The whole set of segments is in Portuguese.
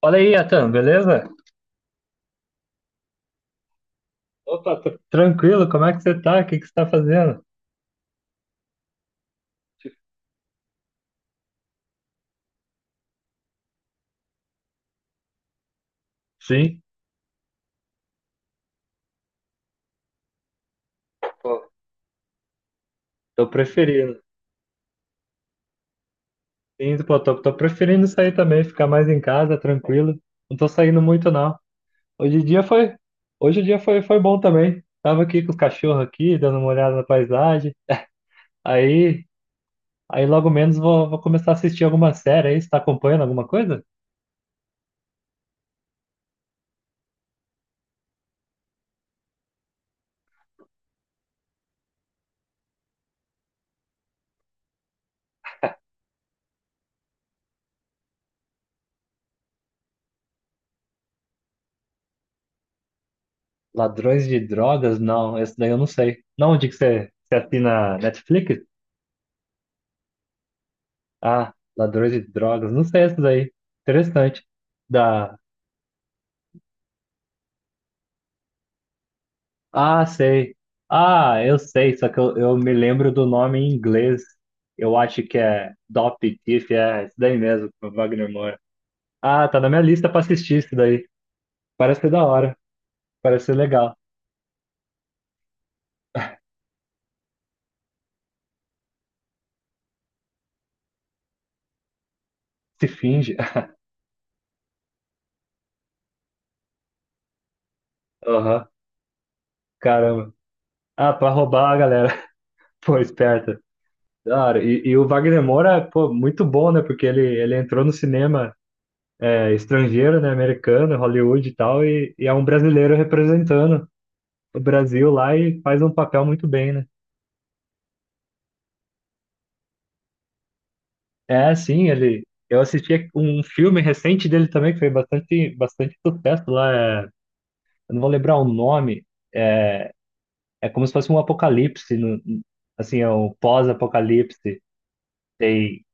Fala aí, Atan, beleza? Opa, tô, tranquilo, como é que você tá? O que você tá fazendo? Sim, pô, tô preferindo. Sim, pô, tô preferindo sair também, ficar mais em casa, tranquilo. Não tô saindo muito, não. Hoje o dia foi, Hoje o dia foi, foi bom também. Tava aqui com os cachorros aqui, dando uma olhada na paisagem. Aí, Aí logo menos vou começar a assistir alguma série aí. Você tá acompanhando alguma coisa? Ladrões de drogas? Não, esse daí eu não sei. Não, você assina Netflix? Ah, ladrões de drogas. Não sei essas aí. Interessante. Da. Ah, sei. Ah, eu sei, só que eu me lembro do nome em inglês. Eu acho que é Dope Thief, é isso daí mesmo, do Wagner Moura. Ah, tá na minha lista pra assistir isso daí. Parece ser da hora. Parece ser legal. Se finge. Aham, caramba. Ah, pra roubar a galera. Pô, esperta. Da hora. E o Wagner Moura, pô, muito bom, né? Porque ele entrou no cinema. Estrangeiro, né, americano, Hollywood e tal, e é um brasileiro representando o Brasil lá e faz um papel muito bem, né? É, sim, ele. Eu assisti um filme recente dele também que foi bastante sucesso lá. Eu não vou lembrar o nome. É, é como se fosse um apocalipse, no- assim, é um pós-apocalipse. Tem,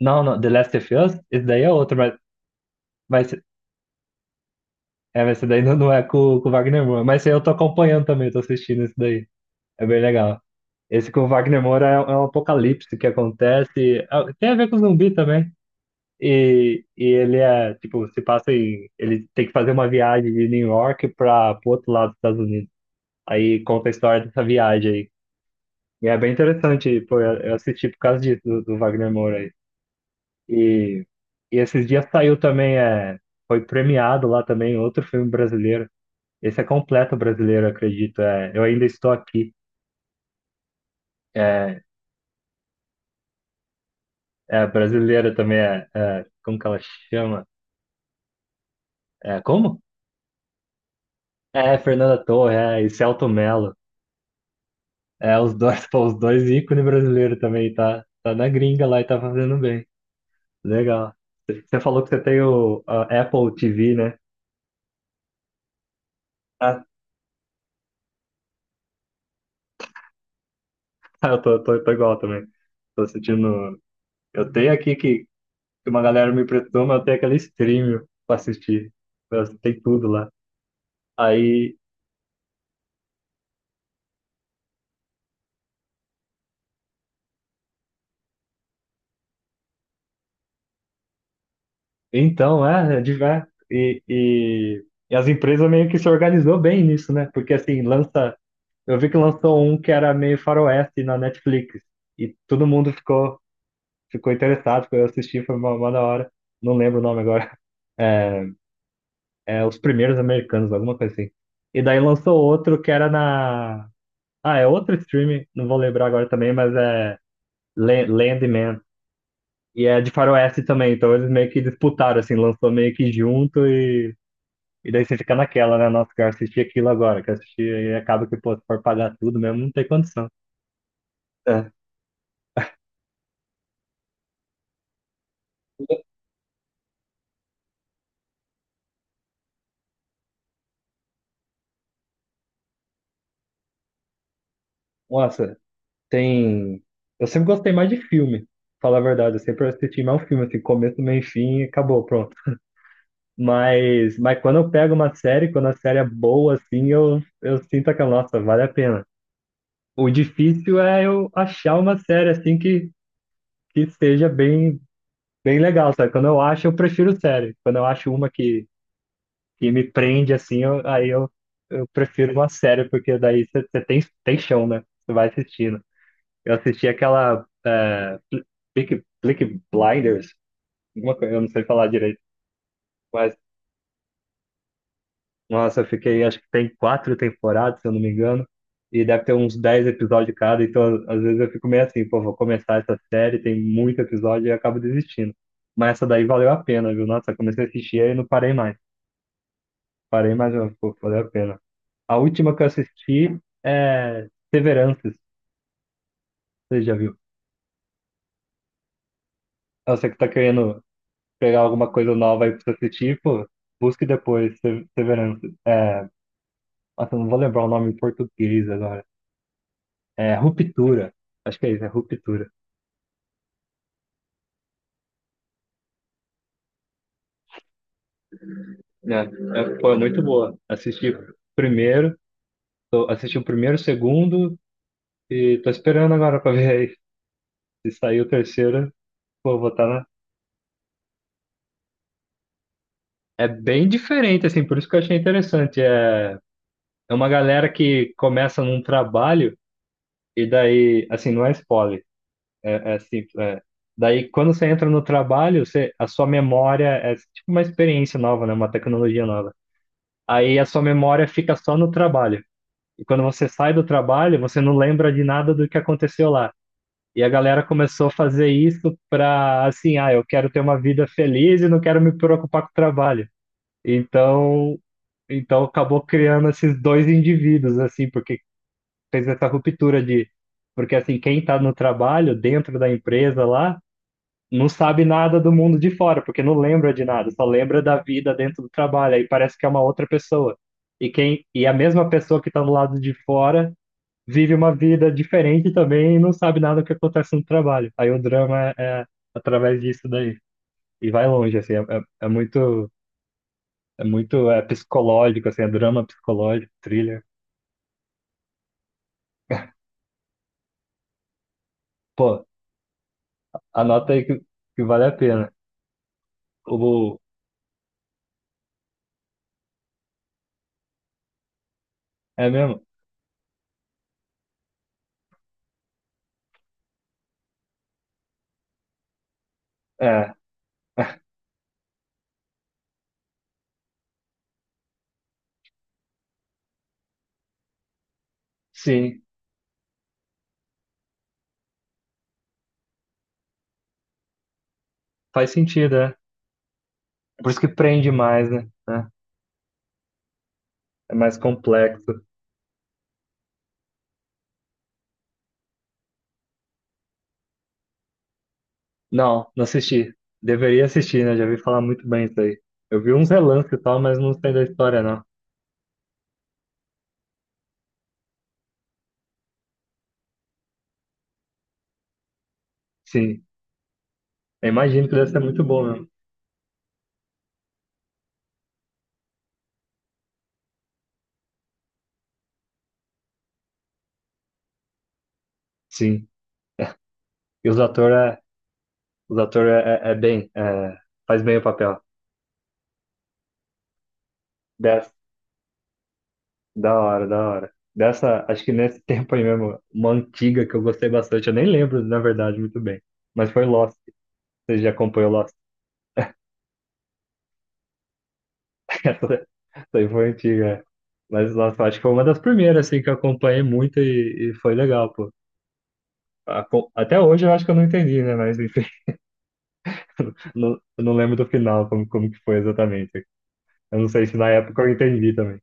não, The Last of Us. Esse daí é outro, mas mas esse daí não é com o Wagner Moura. Mas esse aí eu tô acompanhando também, tô assistindo esse daí. É bem legal. Esse com o Wagner Moura é um apocalipse que acontece. Tem a ver com zumbi também. E ele é, tipo, se passa em. Ele tem que fazer uma viagem de New York para o outro lado dos Estados Unidos. Aí conta a história dessa viagem aí. E é bem interessante, pô, eu assisti por causa disso, do Wagner Moura aí. E, e esses dias saiu também, foi premiado lá também outro filme brasileiro. Esse é completo brasileiro, acredito. É, Eu Ainda Estou Aqui. É, é, a brasileira também como que ela chama? É, como? É, Fernanda Torre, é, e Selton Mello. É, os dois, pô, os dois ícones brasileiros também, tá na gringa lá e tá fazendo bem. Legal. Você falou que você tem o a Apple TV, né? Ah, eu tô igual também. Tô assistindo. Eu tenho aqui Que uma galera me emprestou, mas eu tenho aquele stream pra assistir. Tem tudo lá. Aí então, é, diverso. E as empresas meio que se organizou bem nisso, né? Porque assim, lança. Eu vi que lançou um que era meio faroeste na Netflix. E todo mundo ficou interessado, foi assistir, foi uma da hora. Não lembro o nome agora. É, É Os Primeiros Americanos, alguma coisa assim. E daí lançou outro que era na. Ah, é outro streaming, não vou lembrar agora também, mas é Landman. E é de Faroeste também, então eles meio que disputaram, assim, lançou meio que junto. E daí você fica naquela, né? Nossa, quero assistir aquilo agora, quero assistir, e acaba que, pô, se for pagar tudo mesmo, não tem condição. É. Nossa, tem. Eu sempre gostei mais de filme, falar a verdade. Eu sempre assisti mais um filme, assim, começo, meio, e fim, e acabou, pronto. Mas quando eu pego uma série, quando a série é boa, assim, eu sinto aquela, nossa, vale a pena. O difícil é eu achar uma série, assim, que seja bem legal, sabe? Quando eu acho, eu prefiro série. Quando eu acho uma que me prende assim, eu prefiro uma série, porque daí você tem chão, né? Você vai assistindo. Eu assisti aquela é, Peaky Blinders, alguma coisa, eu não sei falar direito, mas nossa, eu fiquei, acho que tem quatro temporadas, se eu não me engano, e deve ter uns dez episódios cada, então às vezes eu fico meio assim, pô, vou começar essa série, tem muito episódio e eu acabo desistindo. Mas essa daí valeu a pena, viu? Nossa, eu comecei a assistir e não parei mais. Parei, mas pô, valeu a pena. A última que eu assisti é Severances, você já viu? Ah, você que tá querendo pegar alguma coisa nova aí pra você assistir, pô, busque depois Severances. É, nossa, eu não vou lembrar o nome em português agora. É Ruptura, acho que é isso, é Ruptura. Foi muito boa. Primeiro, Assisti o primeiro, o segundo, e tô esperando agora pra ver aí se sair o terceiro, pô, vou tá na... É bem diferente, assim, por isso que eu achei interessante. É, é uma galera que começa num trabalho. E daí, assim, não é spoiler, é simples. É. Daí, quando você entra no trabalho, você, a sua memória é tipo uma experiência nova, né? Uma tecnologia nova. Aí a sua memória fica só no trabalho. E quando você sai do trabalho, você não lembra de nada do que aconteceu lá. E a galera começou a fazer isso pra, assim, ah, eu quero ter uma vida feliz e não quero me preocupar com o trabalho. Então, então acabou criando esses dois indivíduos, assim, porque fez essa ruptura de. Porque, assim, quem está no trabalho, dentro da empresa lá, não sabe nada do mundo de fora, porque não lembra de nada, só lembra da vida dentro do trabalho. Aí parece que é uma outra pessoa. E a mesma pessoa que está do lado de fora vive uma vida diferente também e não sabe nada do que acontece no trabalho. Aí o drama é através disso daí. E vai longe, assim, é muito é psicológico, assim, é drama psicológico, thriller. Pô, anota aí que vale a pena. O, é mesmo? É, sim, Faz sentido, é. Por isso que prende mais, né? É é mais complexo. Não, não assisti. Deveria assistir, né? Já vi falar muito bem isso aí. Eu vi uns relances e tal, mas não sei da história, não. Sim, eu imagino que deve ser muito bom mesmo. Sim, e os atores é, os ator é bem, é, faz bem o papel. Dessa, da hora, da hora. Dessa, acho que nesse tempo aí mesmo, uma antiga que eu gostei bastante, eu nem lembro, na verdade, muito bem. Mas foi Lost. Você já acompanhou Lost? Isso aí foi antiga. É. Mas, nossa, eu acho que foi uma das primeiras, assim, que eu acompanhei muito e foi legal, pô. Até hoje eu acho que eu não entendi, né? Mas, enfim, eu não lembro do final, como que foi exatamente. Eu não sei se na época eu entendi também.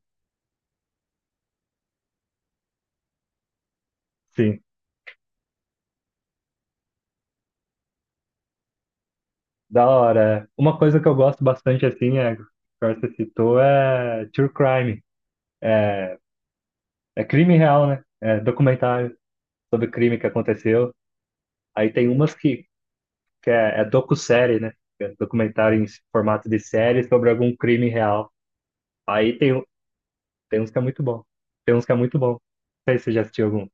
Sim, da hora. É. Uma coisa que eu gosto bastante, assim, é, que você citou, é true crime. É, é crime real, né? É documentário sobre crime que aconteceu. Aí tem umas que é docu-série, né? Que é documentário em formato de série sobre algum crime real. Aí tem, um- Tem uns que é muito bom. Tem uns que é muito bom. Não sei se você já assistiu algum.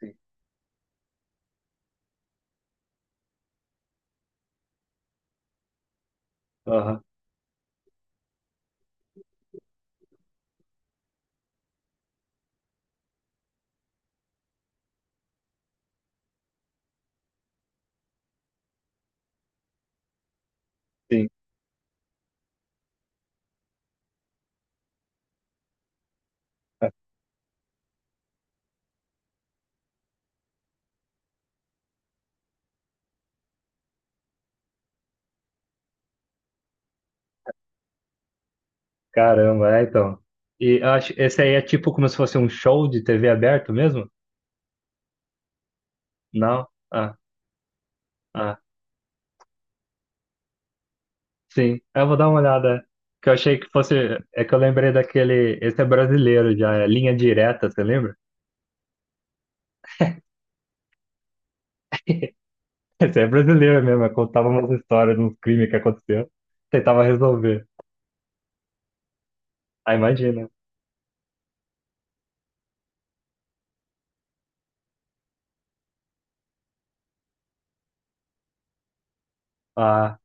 Sim. Aham, sim. Caramba, é então. E eu acho, esse aí é tipo como se fosse um show de TV aberto mesmo? Não? Ah, ah, sim. Eu vou dar uma olhada. Que eu achei que fosse. É que eu lembrei daquele. Esse é brasileiro já, é Linha Direta, você lembra? Esse é brasileiro mesmo, eu contava umas histórias de uns crimes que aconteceu. Tentava resolver. Ah, imagina. Ah,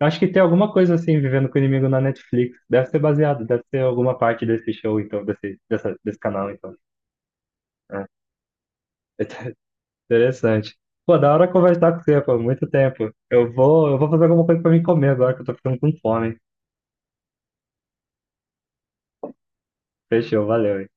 eu acho que tem alguma coisa assim, Vivendo com o Inimigo na Netflix. Deve ser baseado, deve ser alguma parte desse show, então, desse canal, então. É. Interessante. Pô, da hora conversar com você, pô, muito tempo. Eu vou fazer alguma coisa pra mim comer agora, que eu tô ficando com fome. Fechou, valeu. Hein?